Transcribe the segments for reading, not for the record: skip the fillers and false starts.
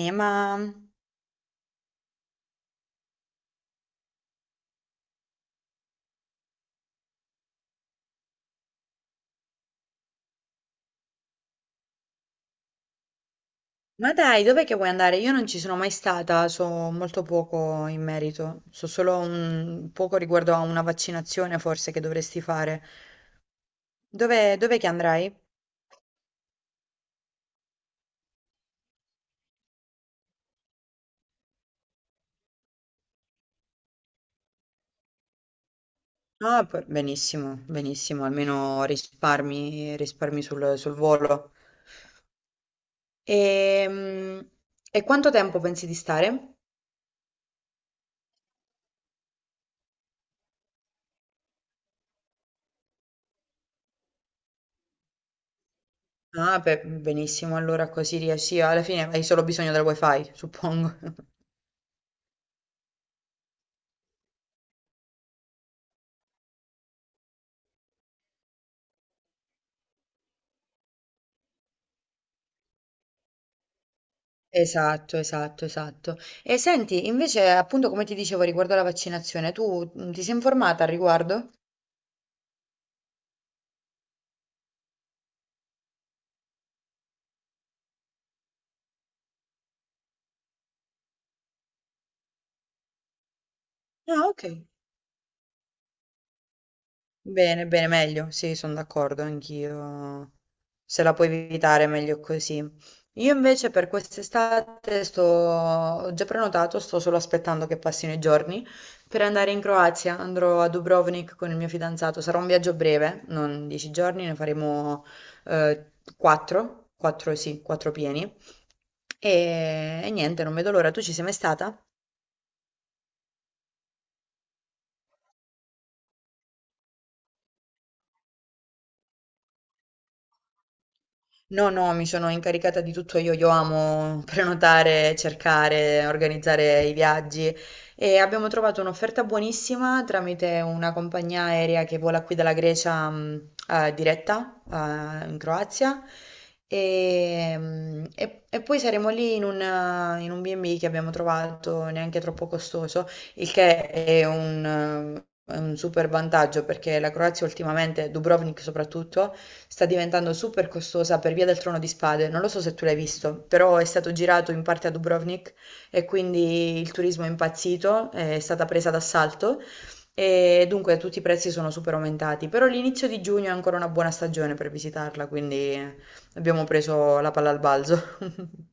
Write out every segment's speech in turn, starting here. Eh, ma... ma dai, dov'è che vuoi andare? Io non ci sono mai stata, so molto poco in merito. So solo un poco riguardo a una vaccinazione forse che dovresti fare. Dov'è che andrai? Ah, benissimo, benissimo, almeno risparmi sul volo. Ehm, E quanto tempo pensi di stare? Ah, beh, benissimo, allora così riesci, alla fine hai solo bisogno del wifi, suppongo. Esatto, esatto, esatto. E senti, invece, appunto, come ti dicevo riguardo alla vaccinazione, tu ti sei informata al riguardo? Ah, ok. Bene, bene, meglio, sì, sono d'accordo, anch'io. Se la puoi evitare, meglio così. Io invece per quest'estate sto... Ho già prenotato, sto solo aspettando che passino i giorni per andare in Croazia. Andrò a Dubrovnik con il mio fidanzato. Sarà un viaggio breve, non 10 giorni, ne faremo eh, quattro, quattro pieni. E niente, non vedo l'ora. Tu ci sei mai stata? No, no, mi sono incaricata di tutto io amo prenotare, cercare, organizzare i viaggi e abbiamo trovato un'offerta buonissima tramite una compagnia aerea che vola qui dalla Grecia diretta in Croazia e poi saremo lì in un B&B che abbiamo trovato neanche troppo costoso, il che è un super vantaggio, perché la Croazia ultimamente, Dubrovnik soprattutto, sta diventando super costosa per via del Trono di Spade. Non lo so se tu l'hai visto, però è stato girato in parte a Dubrovnik e quindi il turismo è impazzito, è stata presa d'assalto. E dunque tutti i prezzi sono super aumentati, però l'inizio di giugno è ancora una buona stagione per visitarla, quindi abbiamo preso la palla al balzo.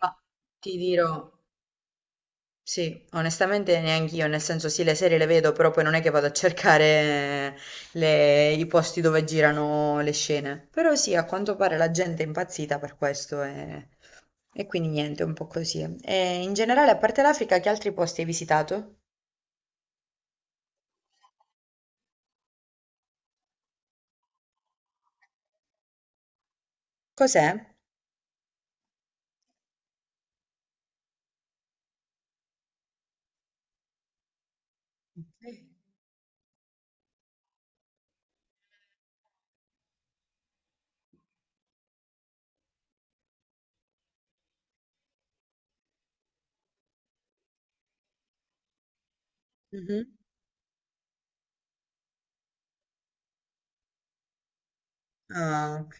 Ma ti dirò, sì, onestamente neanch'io, nel senso sì, le serie le vedo, però poi non è che vado a cercare eh, i posti dove girano le scene. Però sì, a quanto pare la gente è impazzita per questo e quindi niente, un po' così. E in generale, a parte l'Africa, che altri posti hai visitato? Cos'è? Ok. Mhm. Ah, ok.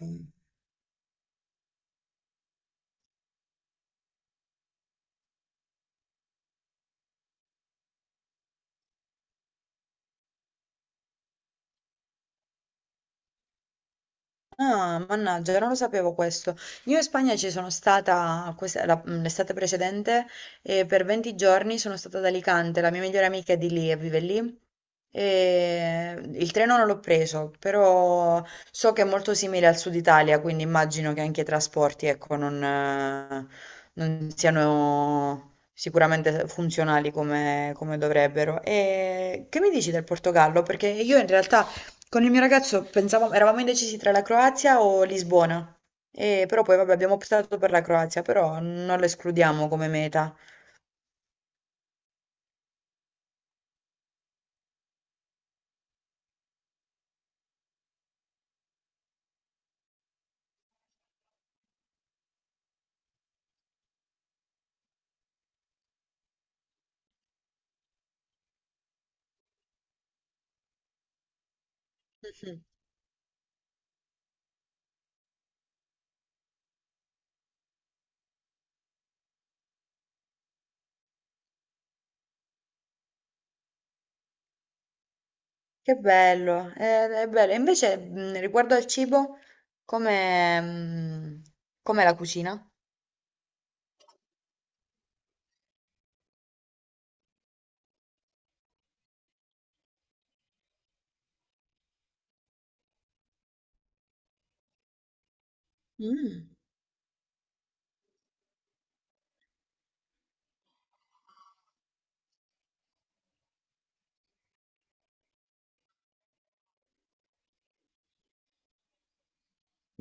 Ah, mannaggia, non lo sapevo questo. Io in Spagna ci sono stata questa- la- mm, l'estate precedente e per 20 giorni sono stata ad Alicante, la mia migliore amica è di lì e vive lì. E il treno non l'ho preso, però so che è molto simile al sud Italia, quindi immagino che anche i trasporti, ecco, non siano sicuramente funzionali come dovrebbero. E che mi dici del Portogallo? Perché io in realtà... Con il mio ragazzo pensavamo, eravamo indecisi tra la Croazia o Lisbona, però poi vabbè, abbiamo optato per la Croazia, però non lo escludiamo come meta. Mhm. Che bello, è, bello. E invece riguardo al cibo, come, mh, com'è la cucina? Mm.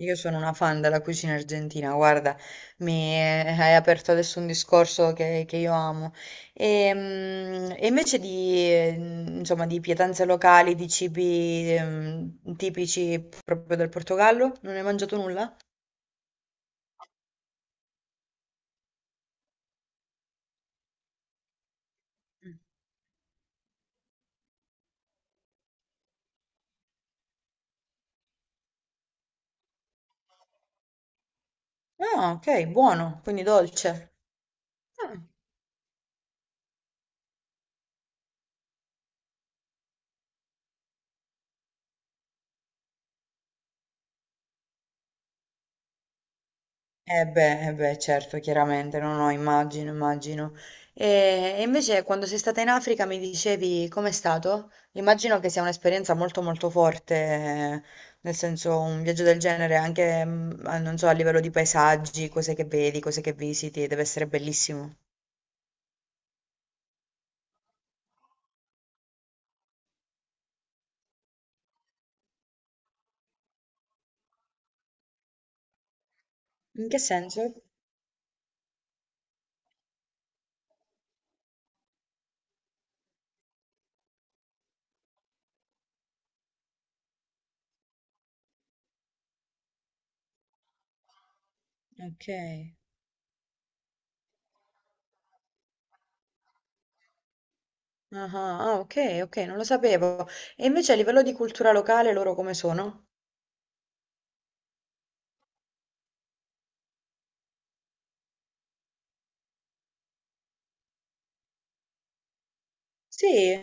Io sono una fan della cucina argentina, guarda, mi hai aperto adesso un discorso che io amo. E invece di, insomma, di pietanze locali, di cibi, tipici proprio del Portogallo, non hai mangiato nulla? No, ok, buono, quindi dolce. Eh beh, certo, chiaramente, no, no, immagino, immagino. E invece quando sei stata in Africa mi dicevi com'è stato? Immagino che sia un'esperienza molto molto forte, nel senso un viaggio del genere, anche, non so, a livello di paesaggi, cose che vedi, cose che visiti, deve essere bellissimo. In che senso? Ok. Ah, ah, ah, ok, ok, non lo sapevo. E invece a livello di cultura locale loro come sono? Sì.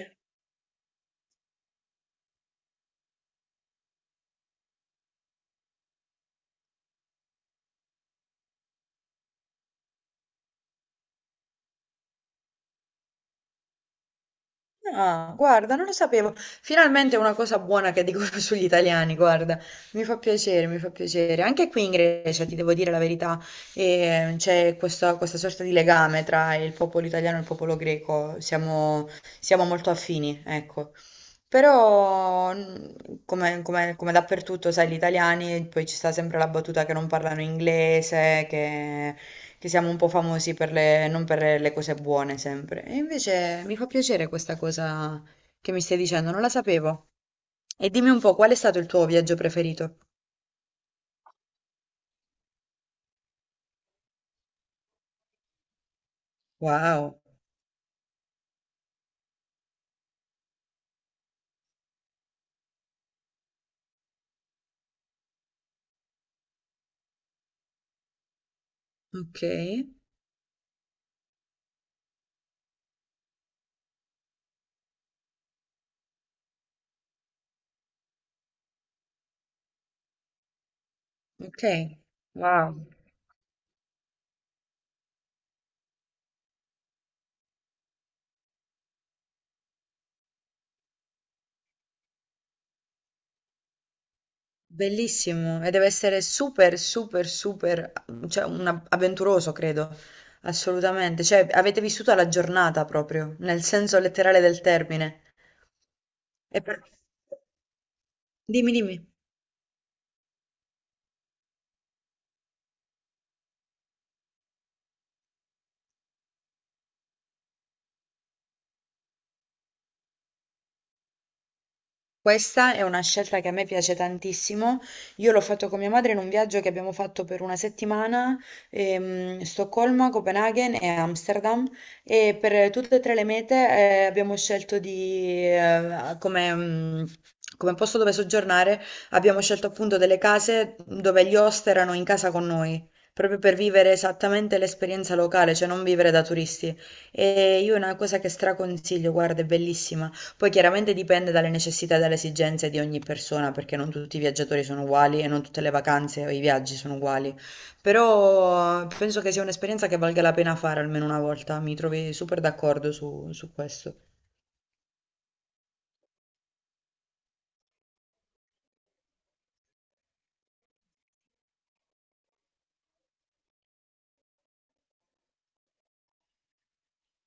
Ah, guarda, non lo sapevo. Finalmente una cosa buona che dicono sugli italiani, guarda. Mi fa piacere, mi fa piacere. Anche qui in Grecia, ti devo dire la verità, c'è questa sorta di legame tra il popolo italiano e il popolo greco. Siamo molto affini, ecco. Però, come dappertutto, sai, gli italiani, poi ci sta sempre la battuta che non parlano inglese, che siamo un po' famosi per le, non per le cose buone sempre. E invece mi fa piacere questa cosa che mi stai dicendo, non la sapevo. E dimmi un po', qual è stato il tuo viaggio preferito? Wow, ok, ok, wow, bellissimo. E deve essere super, super, super, cioè avventuroso, credo, assolutamente. Cioè, avete vissuto la giornata proprio, nel senso letterale del termine. E per- Dimmi, dimmi. Questa è una scelta che a me piace tantissimo. Io l'ho fatto con mia madre in un viaggio che abbiamo fatto per una settimana, Stoccolma, Copenaghen e Amsterdam e per tutte e tre le mete abbiamo scelto come posto dove soggiornare, abbiamo scelto appunto delle case dove gli host erano in casa con noi. Proprio per vivere esattamente l'esperienza locale, cioè non vivere da turisti. E io è una cosa che straconsiglio, guarda, è bellissima. Poi chiaramente dipende dalle necessità e dalle esigenze di ogni persona, perché non tutti i viaggiatori sono uguali e non tutte le vacanze o i viaggi sono uguali. Però penso che sia un'esperienza che valga la pena fare almeno una volta. Mi trovi super d'accordo su questo.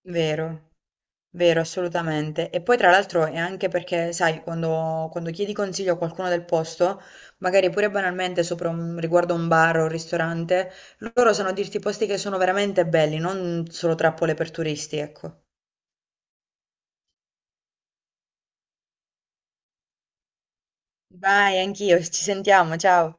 Vero. Vero, assolutamente. E poi tra l'altro è anche perché, sai, quando chiedi consiglio a qualcuno del posto, magari pure banalmente sopra un, riguardo a un bar o un ristorante, loro sanno dirti posti che sono veramente belli, non solo trappole per turisti, ecco. Vai, anch'io, ci sentiamo, ciao.